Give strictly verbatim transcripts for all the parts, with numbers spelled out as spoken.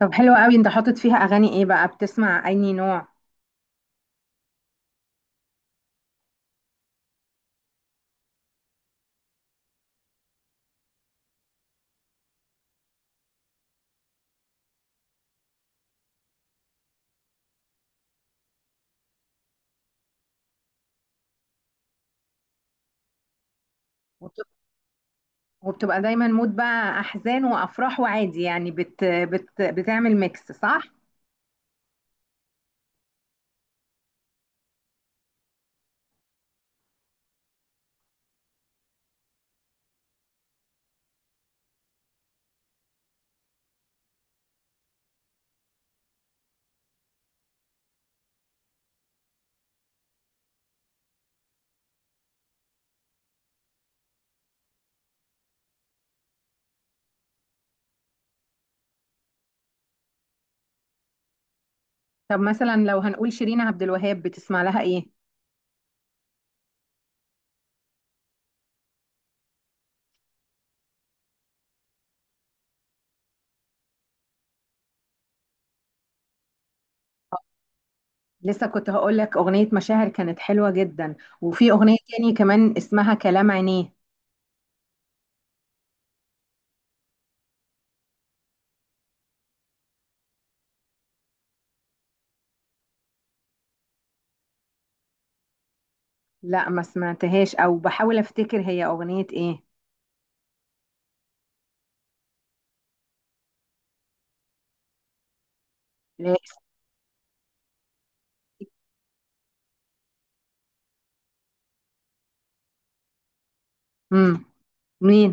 طب، حلو قوي، انت حاطط فيها اغاني ايه بقى؟ بتسمع اي نوع؟ وبت- وبتبقى دايما مود بقى احزان وافراح وعادي، يعني بت بت بتعمل ميكس صح؟ طب مثلا لو هنقول شيرين عبد الوهاب، بتسمع لها ايه؟ لسه كنت هقول لك اغنية مشاعر كانت حلوة جدا، وفي اغنية تاني كمان اسمها كلام عينيه. لا، ما سمعتهاش، او بحاول افتكر هي اغنية ايه. لا. امم. مين؟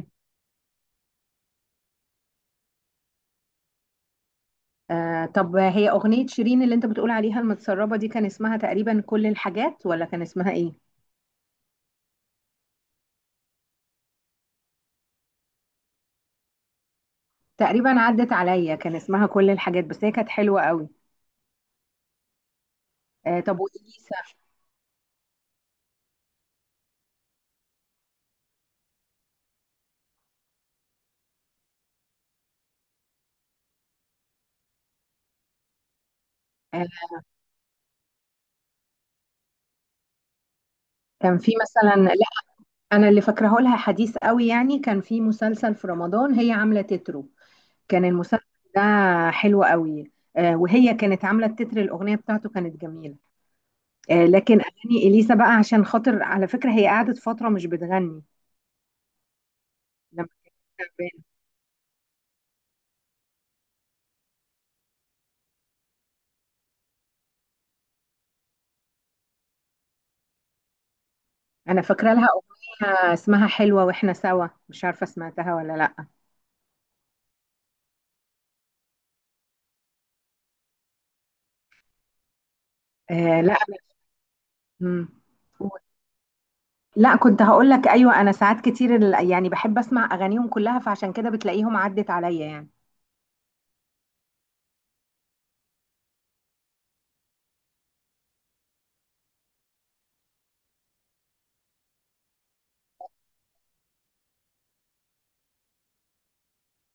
آه، طب هي أغنية شيرين اللي أنت بتقول عليها المتسربة دي كان اسمها تقريبا كل الحاجات، ولا كان اسمها إيه؟ تقريبا عدت عليا، كان اسمها كل الحاجات، بس هي كانت حلوة قوي. آه، طب وإليسا؟ آه، كان في مثلا، لا. أنا اللي فاكراه لها حديث قوي، يعني كان في مسلسل في رمضان هي عاملة تترو. كان المسلسل ده حلو قوي، آه، وهي كانت عاملة التتر، الأغنية بتاعته كانت جميلة. آه، لكن أغاني إليسا بقى، عشان خاطر على فكرة هي قعدت فترة مش بتغني لما كانت تعبانة. انا فاكره لها اغنيه اسمها حلوه، واحنا سوا، مش عارفه سمعتها ولا لا. آه. لا. مم. لا، كنت هقول لك، ايوه، انا ساعات كتير ال- يعني بحب اسمع اغانيهم كلها، فعشان كده بتلاقيهم عدت عليا يعني.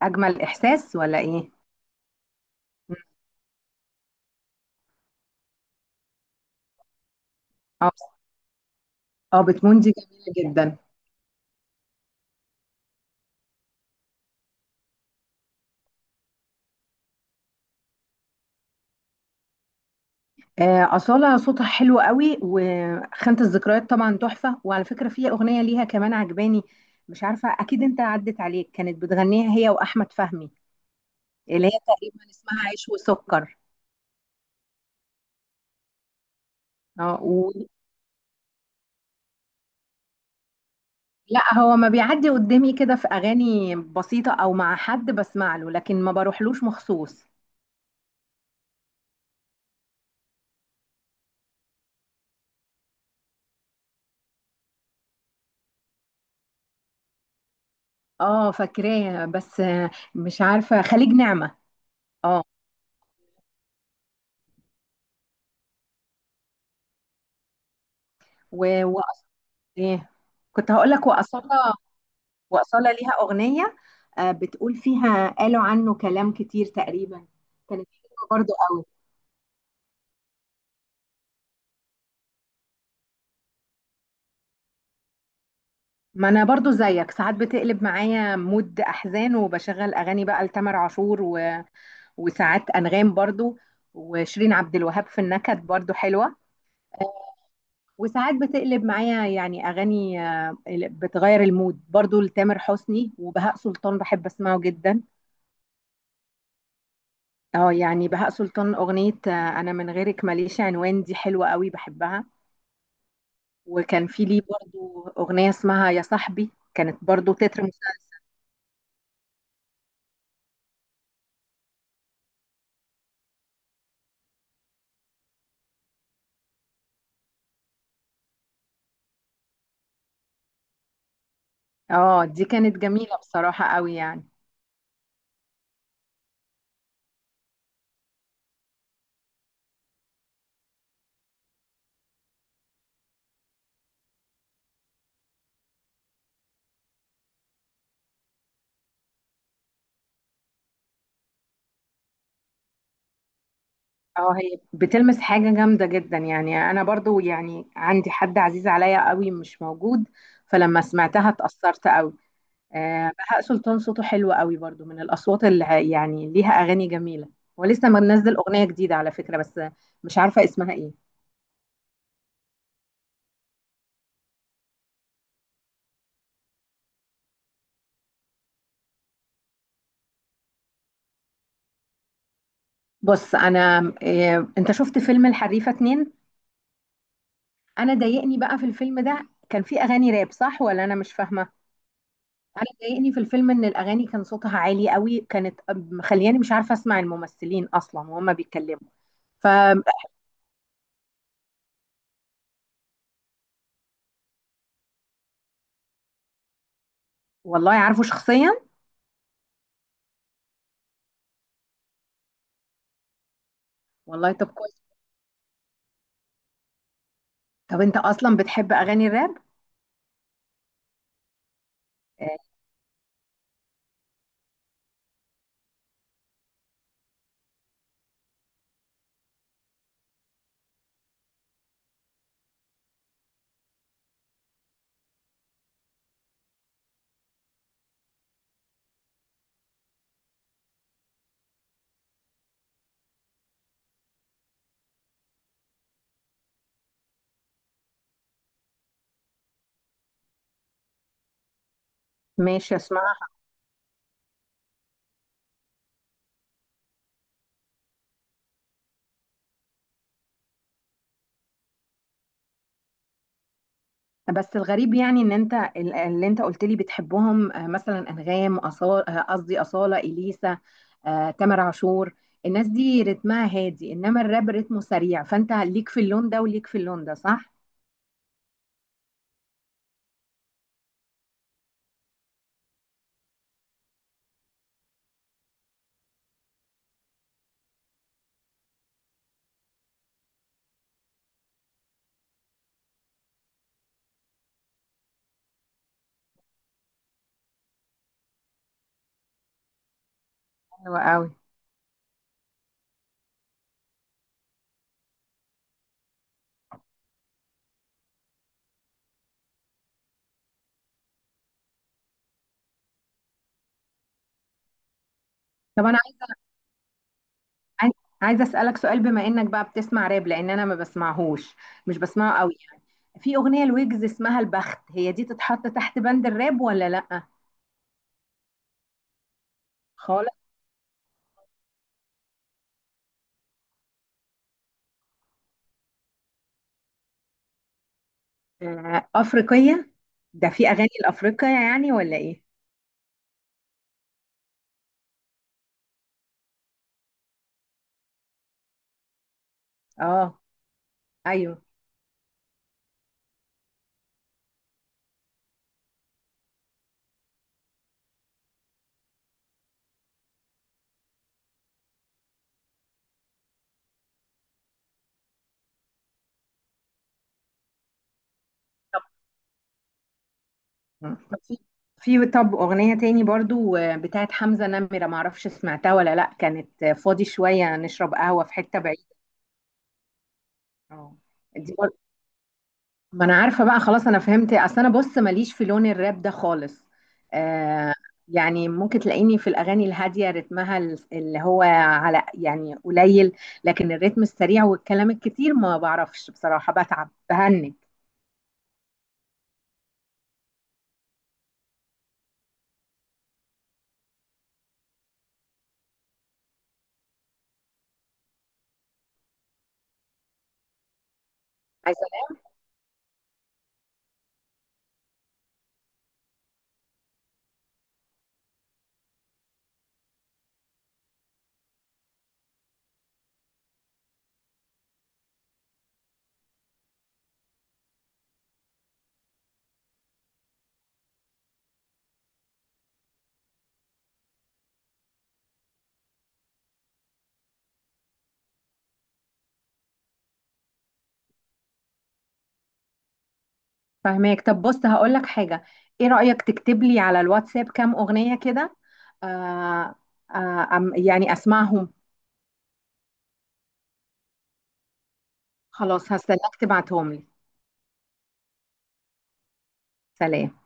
اجمل احساس ولا ايه؟ مم. اه، اه. بتمون دي جميله جدا. آه، اصاله صوتها حلو قوي، وخانة الذكريات طبعا تحفه، وعلى فكره في اغنيه ليها كمان عجباني. مش عارفه، اكيد انت عدت عليك، كانت بتغنيها هي واحمد فهمي، اللي هي تقريبا اسمها عيش وسكر. اه. و... لا، هو ما بيعدي قدامي كده، في اغاني بسيطه او مع حد بسمع له، لكن ما بروحلوش مخصوص. اه، فاكراه، بس آه، مش عارفه، خليج نعمه؟ اه. و... و... ايه، كنت هقول لك واصاله. واصاله ليها اغنيه، آه، بتقول فيها قالوا عنه كلام كتير تقريبا، كانت حلوه برضو قوي. ما انا برضو زيك، ساعات بتقلب معايا مود احزان، وبشغل اغاني بقى لتامر عاشور، وساعات أنغام برضو، وشيرين عبد الوهاب في النكد برضو حلوة. وساعات بتقلب معايا يعني أغاني، آه، بتغير المود برضو لتامر حسني، وبهاء سلطان بحب أسمعه جدا. اه، يعني بهاء سلطان أغنية آه، أنا من غيرك ماليش عنوان، دي حلوة قوي بحبها. وكان في ليه برضو أغنية اسمها يا صاحبي، كانت برضو تتر مسلسل. اه، دي كانت جميلة بصراحة قوي يعني. اه، هي بتلمس حاجة جامدة جدا، يعني أنا برضو يعني عندي حد عزيز عليا قوي مش موجود، فلما سمعتها اتأثرت قوي. آه، بهاء سلطان صوته حلو قوي برضو، من الأصوات اللي ه- يعني ليها أغاني جميلة. ولسه منزل أغنية جديدة على فكرة، بس مش عارفة اسمها ايه. بص أنا، آه، أنت شفت فيلم الحريفة اتنين؟ أنا ضايقني بقى في الفيلم ده، كان فيه أغاني راب صح، ولا أنا مش فاهمة؟ انا ضايقني في الفيلم ان الاغاني كان صوتها عالي قوي، كانت مخلياني مش عارفه اسمع الممثلين اصلا وهما بيتكلموا. ف والله، عارفه شخصيا. والله، طب كويس. طب انت اصلا بتحب اغاني الراب؟ آه، ماشي، اسمع. بس الغريب يعني، ان انت ال- اللي انت قلت لي بتحبهم، آه، مثلا انغام، أصالة، قصدي اصاله، اليسا، آه، تامر عاشور، الناس دي رتمها هادي، انما الراب رتمه سريع، فانت ليك في اللون ده وليك في اللون ده، صح؟ حلو قوي. طب انا عايز- عايزه اسالك سؤال، بما انك بقى بتسمع راب، لان انا ما بسمعهوش، مش بسمعه قوي يعني. في اغنيه لويجز اسمها البخت، هي دي تتحط تحت بند الراب ولا لا؟ خالص؟ آه، افريقيه. ده في اغاني الافريقيه يعني ولا ايه؟ اه، ايوه. طب، طب في في طب اغنيه تاني برضو، آه، بتاعت حمزه نمره، ما اعرفش سمعتها ولا لا، كانت آه، فاضي شويه نشرب قهوه في حته بعيده. اه، دي، ما انا عارفه بقى، خلاص انا فهمت، اصل انا بص ماليش في لون الراب ده خالص. آه، يعني ممكن تلاقيني في الاغاني الهاديه رتمها ال- اللي هو على يعني قليل، لكن الريتم السريع والكلام الكتير ما بعرفش بصراحه، بتعب بهنج. عايزه. فاهماك، طب بص هقول لك حاجه، ايه رايك تكتب لي على الواتساب كام اغنيه كده؟ آه. آه، أم- يعني اسمعهم. خلاص، هستناك تبعتهم لي. سلام.